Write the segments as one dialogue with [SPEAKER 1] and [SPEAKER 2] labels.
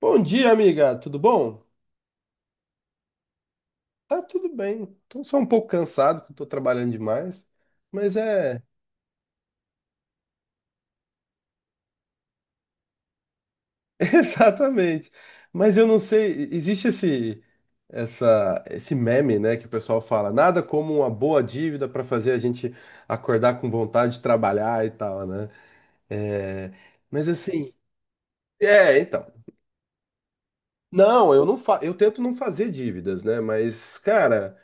[SPEAKER 1] Bom dia, amiga. Tudo bom? Tá tudo bem. Tô só um pouco cansado, que eu tô trabalhando demais. Mas é, exatamente. Mas eu não sei, existe esse meme, né, que o pessoal fala, nada como uma boa dívida para fazer a gente acordar com vontade de trabalhar e tal, né? É, mas assim, é, então. Não, eu tento não fazer dívidas, né? Mas, cara,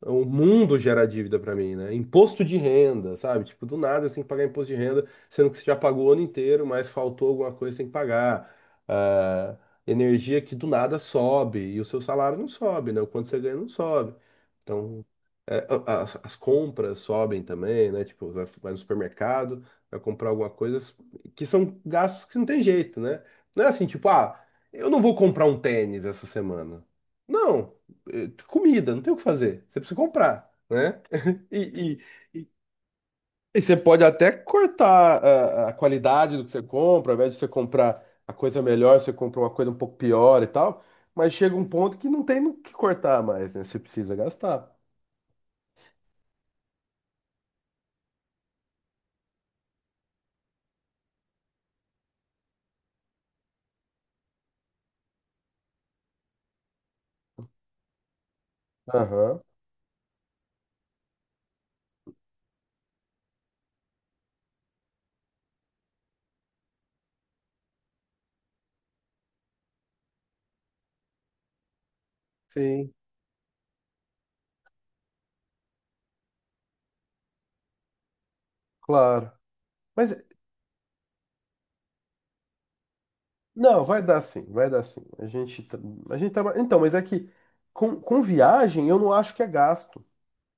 [SPEAKER 1] o mundo gera dívida pra mim, né? Imposto de renda, sabe? Tipo, do nada você tem que pagar imposto de renda, sendo que você já pagou o ano inteiro, mas faltou alguma coisa, você tem que pagar. Ah, energia que do nada sobe e o seu salário não sobe, né? O quanto você ganha não sobe. Então, é, as compras sobem também, né? Tipo, vai no supermercado, vai comprar alguma coisa que são gastos que não tem jeito, né? Não é assim, tipo, eu não vou comprar um tênis essa semana. Não, comida, não tem o que fazer. Você precisa comprar, né? E, e, e- e você pode até cortar a qualidade do que você compra, ao invés de você comprar a coisa melhor, você compra uma coisa um pouco pior e tal. Mas chega um ponto que não tem no que cortar mais, né? Você precisa gastar. Aham, sim, claro. Mas não, vai dar sim, vai dar sim. A gente trabalha. Então, mas é que com viagem eu não acho que é gasto.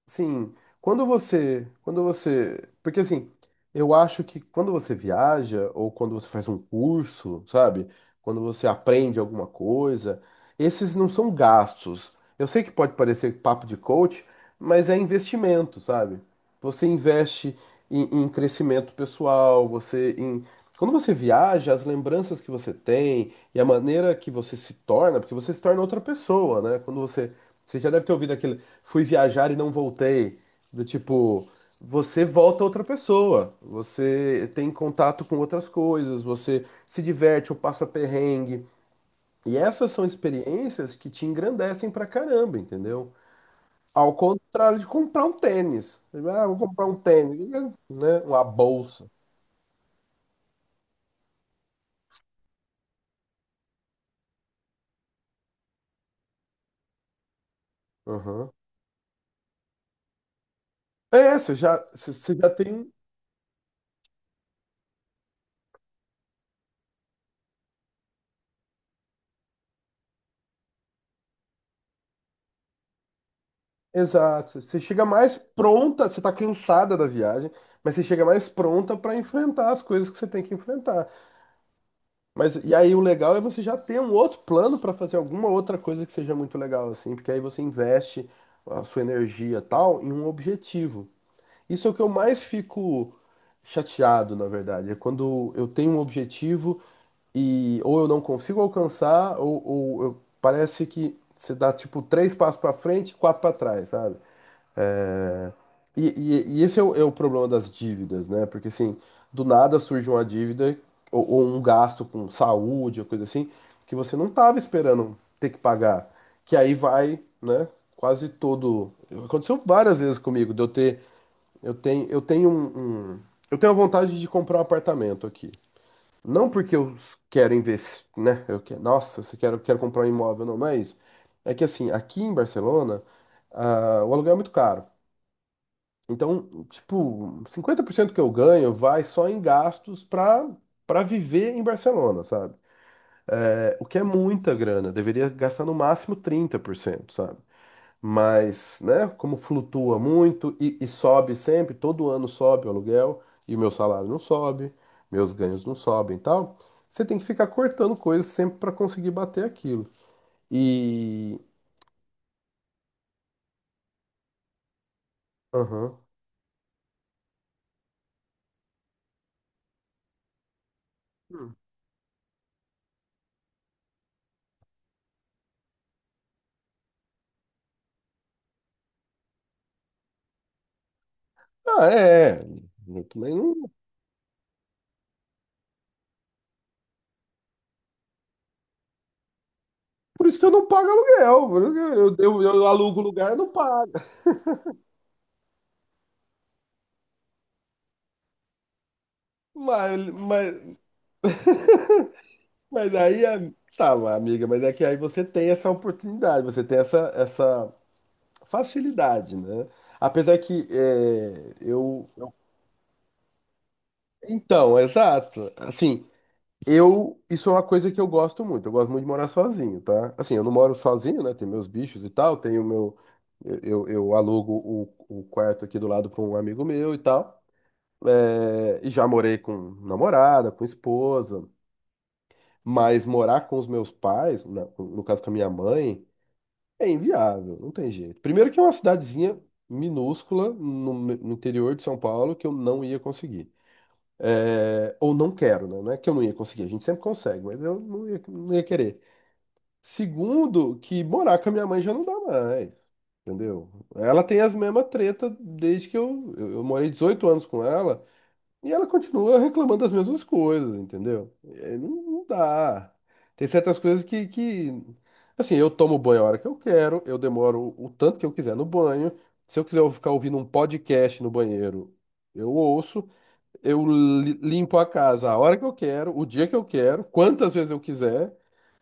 [SPEAKER 1] Sim, quando você, porque assim, eu acho que quando você viaja ou quando você faz um curso, sabe? Quando você aprende alguma coisa, esses não são gastos. Eu sei que pode parecer papo de coach, mas é investimento, sabe? Você investe em crescimento pessoal, você em quando você viaja, as lembranças que você tem e a maneira que você se torna, porque você se torna outra pessoa, né? Você já deve ter ouvido aquele "fui viajar e não voltei". Do tipo, você volta outra pessoa, você tem contato com outras coisas, você se diverte ou passa perrengue. E essas são experiências que te engrandecem pra caramba, entendeu? Ao contrário de comprar um tênis. Ah, vou comprar um tênis, né? Uma bolsa. Aham. É, você já tem. Exato. Você chega mais pronta, você tá cansada da viagem, mas você chega mais pronta pra enfrentar as coisas que você tem que enfrentar. Mas e aí o legal é você já ter um outro plano para fazer alguma outra coisa que seja muito legal, assim, porque aí você investe a sua energia tal em um objetivo. Isso é o que eu mais fico chateado, na verdade, é quando eu tenho um objetivo e ou eu não consigo alcançar, parece que você dá tipo três passos para frente, e quatro para trás, sabe? E esse é o problema das dívidas, né? Porque assim, do nada surge uma dívida ou um gasto com saúde, ou coisa assim, que você não estava esperando ter que pagar. Que aí vai, né? Quase todo. Aconteceu várias vezes comigo, de eu ter. Eu tenho, eu tenho um, um- eu tenho a vontade de comprar um apartamento aqui. Não porque eu quero investir, né? Eu quero, nossa, eu quero comprar um imóvel, não é isso. É que assim, aqui em Barcelona, o aluguel é muito caro. Então, tipo, 50% que eu ganho vai só em gastos para viver em Barcelona, sabe? É, o que é muita grana, deveria gastar no máximo 30%, sabe? Mas, né, como flutua muito e sobe sempre, todo ano sobe o aluguel e o meu salário não sobe, meus ganhos não sobem e tal, você tem que ficar cortando coisas sempre para conseguir bater aquilo. E. Aham. Hum. Ah, é. Eu também não. Por isso que eu não pago aluguel, por isso que eu alugo o lugar, e não pago. Mas, mas, mas aí, tá, amiga, mas é que aí você tem essa oportunidade, você tem essa facilidade, né? Apesar que é, eu. Então, exato. Assim, eu. Isso é uma coisa que eu gosto muito. Eu gosto muito de morar sozinho, tá? Assim, eu não moro sozinho, né? Tem meus bichos e tal, tenho meu. Eu alugo o quarto aqui do lado para um amigo meu e tal. É, e já morei com namorada, com esposa, mas morar com os meus pais, no caso com a minha mãe, é inviável, não tem jeito. Primeiro que é uma cidadezinha minúscula no interior de São Paulo que eu não ia conseguir. É, ou não quero, né? Não é que eu não ia conseguir, a gente sempre consegue, mas eu não ia querer. Segundo, que morar com a minha mãe já não dá mais, entendeu? Ela tem as mesmas tretas desde que eu morei 18 anos com ela. E ela continua reclamando das mesmas coisas, entendeu? É, não, não dá. Tem certas coisas que. Assim, eu tomo banho a hora que eu quero, eu demoro o tanto que eu quiser no banho. Se eu quiser ficar ouvindo um podcast no banheiro, eu ouço. Eu limpo a casa a hora que eu quero, o dia que eu quero, quantas vezes eu quiser.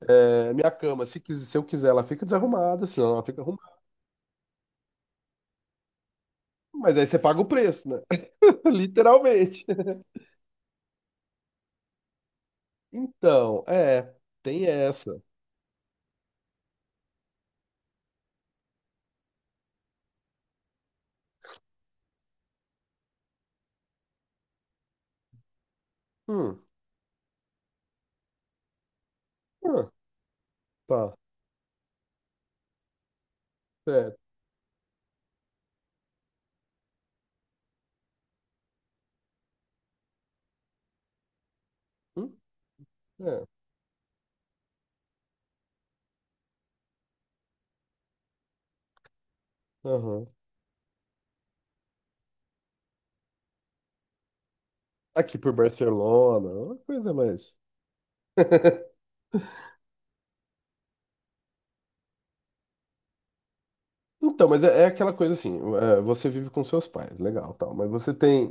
[SPEAKER 1] É, minha cama, se eu quiser, ela fica desarrumada, se não, ela fica arrumada. Mas aí você paga o preço, né? Literalmente. Então, é, tem essa. Hum. Hum. Tá, certo. Hum, É, aham. Aqui por Barcelona, é uma coisa mais. Então, mas é aquela coisa assim, é, você vive com seus pais, legal, tal, mas você tem,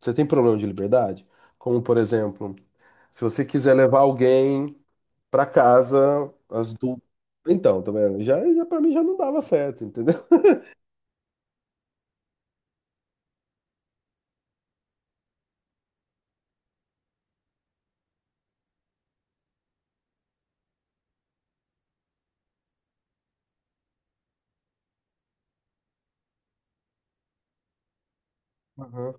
[SPEAKER 1] você tem problema de liberdade? Como, por exemplo, se você quiser levar alguém pra casa... Então, tá vendo? Já para mim já não dava certo, entendeu? Aham,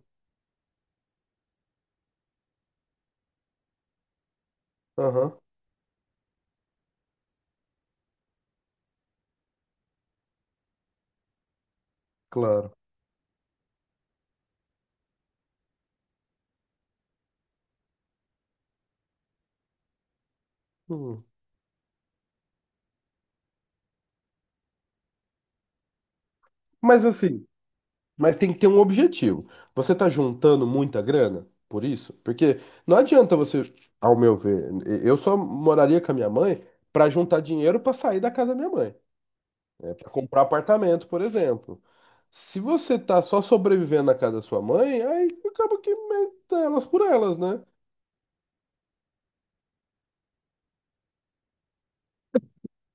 [SPEAKER 1] aham, claro. Hum. Mas assim, Mas tem que ter um objetivo. Você tá juntando muita grana por isso? Porque não adianta você, ao meu ver, eu só moraria com a minha mãe para juntar dinheiro para sair da casa da minha mãe, para comprar apartamento, por exemplo. Se você tá só sobrevivendo na casa da sua mãe, aí acaba que meta elas por elas, né?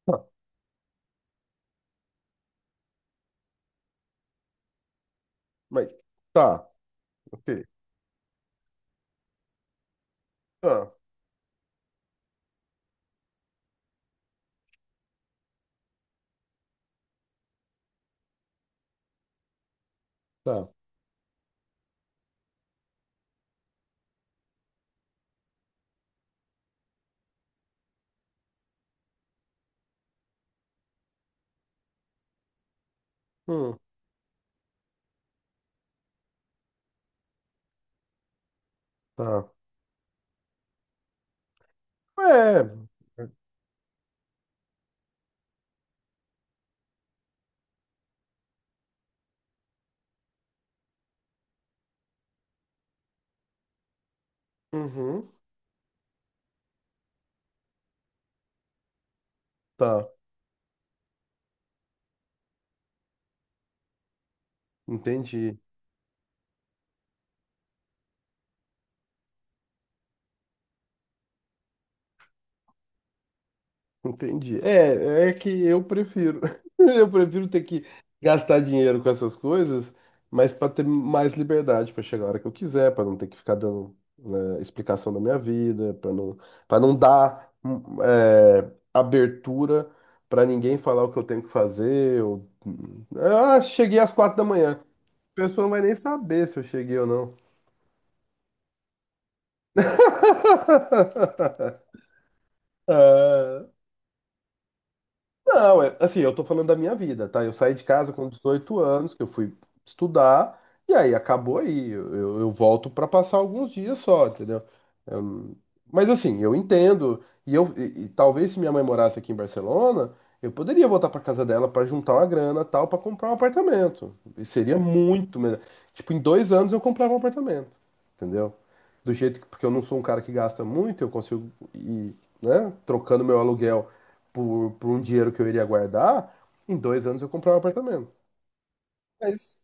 [SPEAKER 1] Tá. Mas tá, ok. Tá, tá. Hum, tá. É. Uhum, tá. Entendi. Entendi. É que eu prefiro. Eu prefiro ter que gastar dinheiro com essas coisas, mas para ter mais liberdade para chegar a hora que eu quiser, para não ter que ficar dando, né, explicação da minha vida, para não dar abertura para ninguém falar o que eu tenho que fazer. Ah, cheguei às 4 da manhã. A pessoa não vai nem saber se eu cheguei ou não. Ah, não, assim, eu tô falando da minha vida, tá? Eu saí de casa com 18 anos, que eu fui estudar, e aí acabou aí. Eu volto pra passar alguns dias só, entendeu? Eu não- Mas assim, eu entendo, e talvez se minha mãe morasse aqui em Barcelona, eu poderia voltar pra casa dela pra juntar uma grana, tal, pra comprar um apartamento. E seria muito melhor. Tipo, em 2 anos eu comprava um apartamento, entendeu? Do jeito que, porque eu não sou um cara que gasta muito, eu consigo ir, né, trocando meu aluguel por um dinheiro que eu iria guardar, em 2 anos eu comprava um apartamento. Mas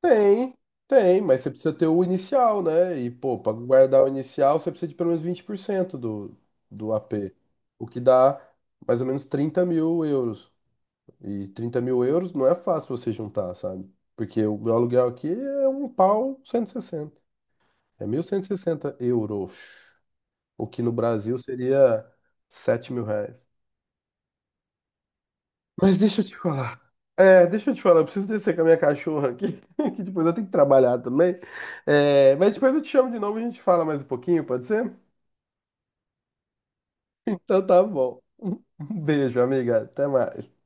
[SPEAKER 1] tem, mas você precisa ter o inicial, né? E, pô, para guardar o inicial, você precisa de pelo menos 20% do AP, o que dá mais ou menos 30 mil euros. E 30 mil euros não é fácil você juntar, sabe? Porque o meu aluguel aqui é um pau 160. É 1.160 euros. O que no Brasil seria 7 mil reais. Mas deixa eu te falar. É, deixa eu te falar, eu preciso descer com a minha cachorra aqui, que depois eu tenho que trabalhar também. É, mas depois eu te chamo de novo e a gente fala mais um pouquinho, pode ser? Então tá bom. Um beijo, amiga. Até mais.